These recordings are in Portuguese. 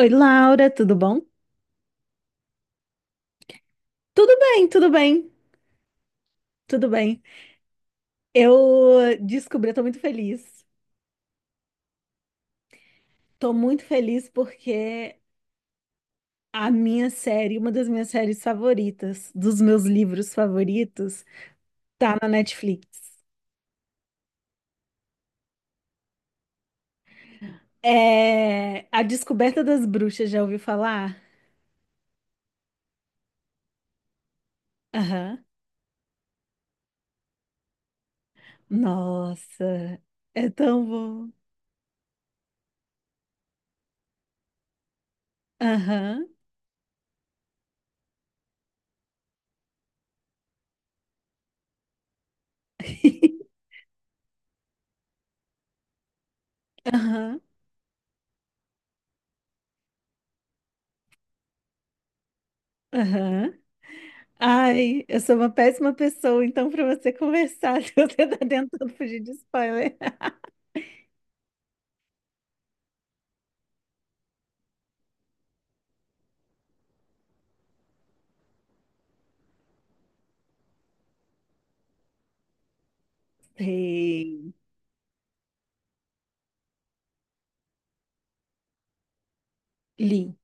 Oi, Laura, tudo bom? Tudo bem, tudo bem, tudo bem. Eu descobri, eu tô muito feliz. Tô muito feliz porque a minha série, uma das minhas séries favoritas, dos meus livros favoritos, tá na Netflix. É A Descoberta das Bruxas, já ouviu falar? Aham. Nossa, é tão bom. Aham, aham, aham. Ai, eu sou uma péssima pessoa, então, para você conversar, se você tá tentando fugir de spoiler. Sei, li.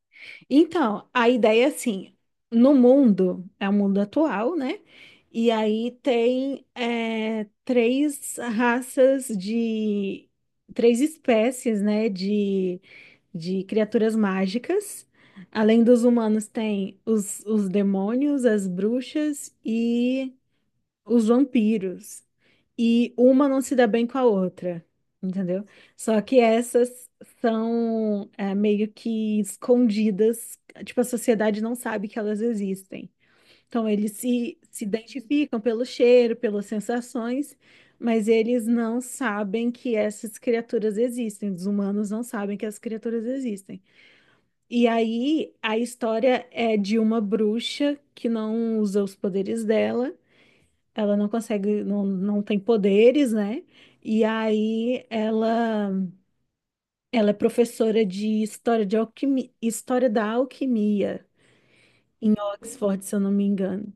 Então, a ideia é assim, no mundo, é o mundo atual, né? E aí tem três raças de... Três espécies, né, de criaturas mágicas. Além dos humanos, tem os demônios, as bruxas e os vampiros. E uma não se dá bem com a outra, entendeu? Só que essas são meio que escondidas, tipo, a sociedade não sabe que elas existem. Então, eles se identificam pelo cheiro, pelas sensações, mas eles não sabem que essas criaturas existem. Os humanos não sabem que essas criaturas existem. E aí, a história é de uma bruxa que não usa os poderes dela. Ela não consegue, não, não tem poderes, né? E aí ela é professora de história de alquimia, história da alquimia, Oxford, se eu não me engano.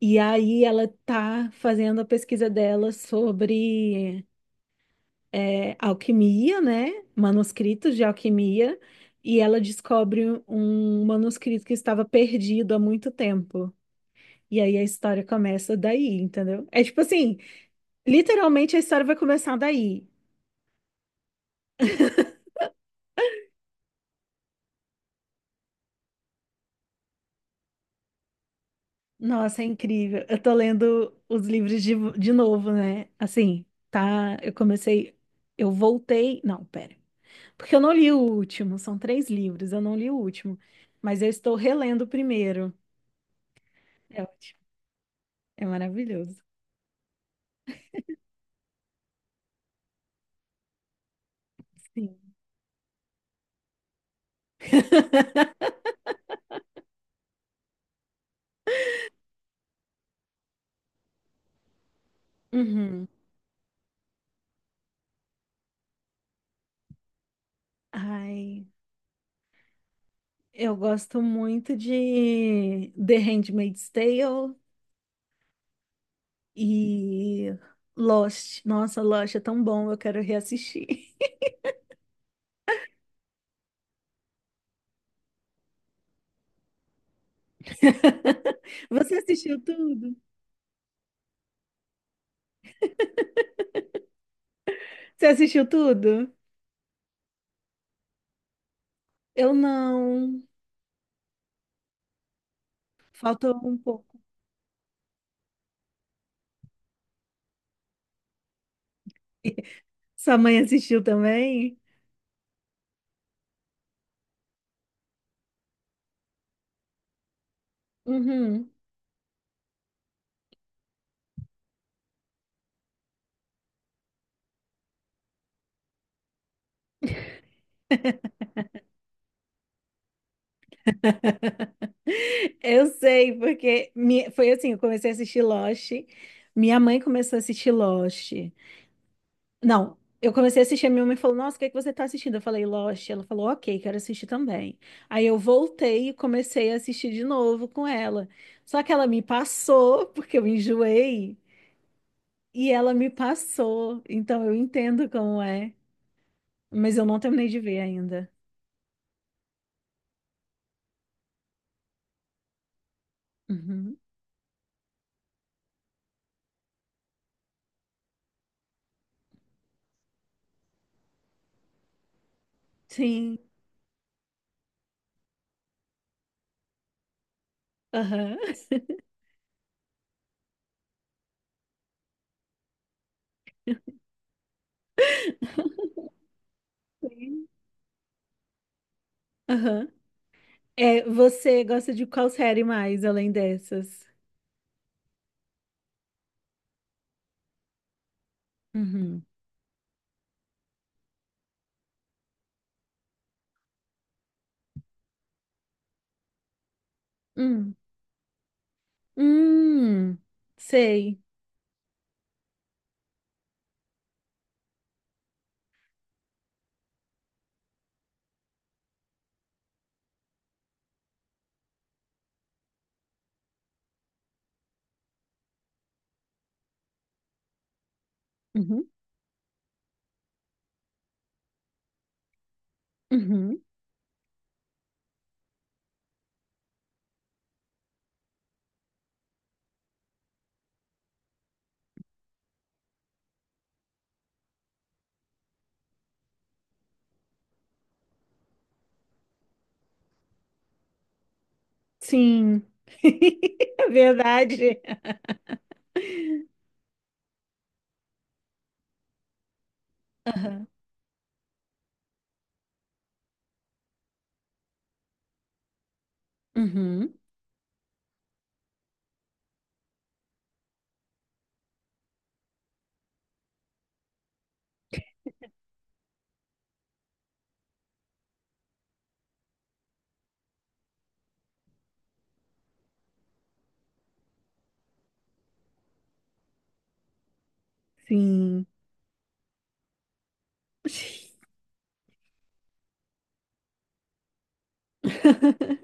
E aí ela tá fazendo a pesquisa dela sobre alquimia, né? Manuscritos de alquimia, e ela descobre um manuscrito que estava perdido há muito tempo. E aí a história começa daí, entendeu? É tipo assim, literalmente a história vai começar daí. Nossa, é incrível. Eu tô lendo os livros de novo, né? Assim, tá? Eu comecei. Eu voltei. Não, pera. Porque eu não li o último. São três livros. Eu não li o último. Mas eu estou relendo o primeiro. É ótimo. É maravilhoso. Sim. Uhum. Ai, eu gosto muito de The Handmaid's Tale e Lost. Nossa, Lost é tão bom. Eu quero reassistir. Você assistiu tudo? Você assistiu tudo? Eu não. Faltou um pouco. Sua mãe assistiu também? Uhum. Eu sei, porque foi assim, eu comecei a assistir Lost, minha mãe começou a assistir Lost. Não, eu comecei a assistir, a minha mãe falou, nossa, o que é que você tá assistindo? Eu falei, Lost. Ela falou, ok, quero assistir também. Aí eu voltei e comecei a assistir de novo com ela. Só que ela me passou, porque eu enjoei, e ela me passou. Então eu entendo como é. Mas eu não terminei de ver ainda. Uhum. Sim. Aham. Sim. Aham. É, você gosta de qual série mais além dessas? Uhum. Hum. Hum. Sei. Uhum. Uhum. Sim. É verdade. Aham. Uhum. Sim.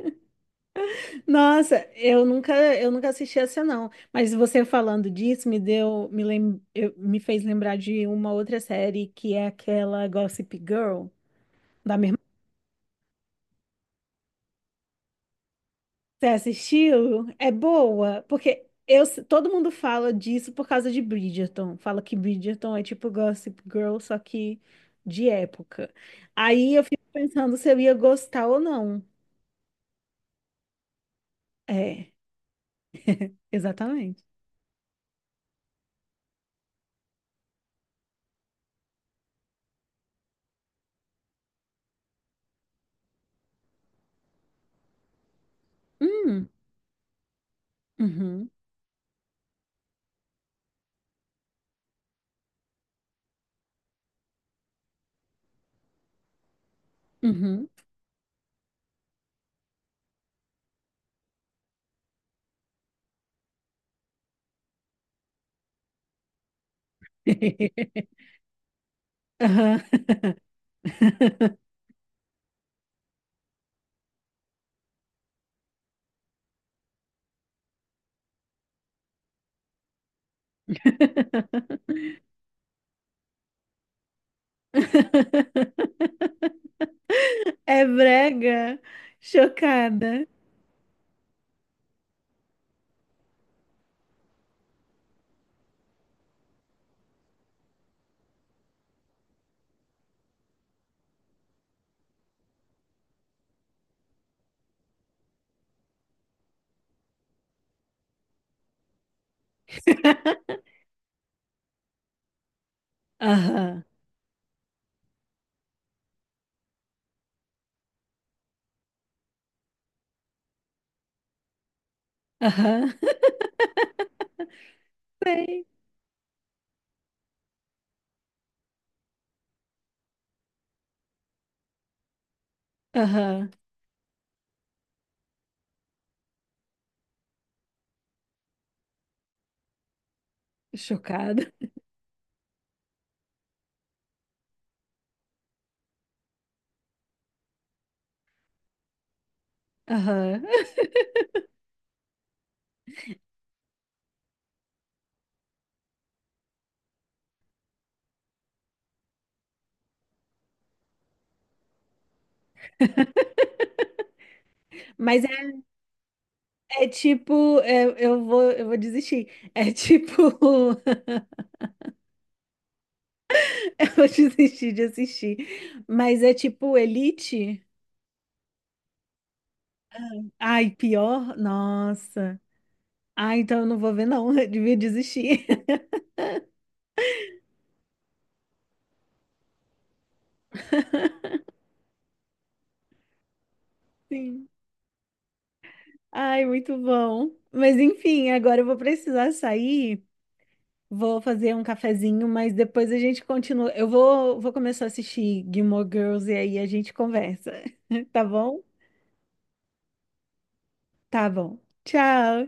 Nossa, eu nunca assisti essa não. Mas você falando disso me deu, me lem, eu- me fez lembrar de uma outra série que é aquela Gossip Girl da minha irmã. Você assistiu? É boa, porque todo mundo fala disso por causa de Bridgerton. Fala que Bridgerton é tipo Gossip Girl, só que de época. Aí eu fico pensando se eu ia gostar ou não. É, exatamente. Hum, uhum, uhum. Aham. É brega? Chocada. Aham, aham. Sei. Aham, chocada. Aham. Mas é tipo, eu vou desistir. É tipo, eu vou desistir de assistir. Mas é tipo Elite? Ai, pior? Nossa. Ah, então eu não vou ver, não. Eu devia desistir. Sim. Ai, muito bom. Mas enfim, agora eu vou precisar sair, vou fazer um cafezinho, mas depois a gente continua. Eu vou começar a assistir Gilmore Girls e aí a gente conversa, tá bom? Tá bom. Tchau.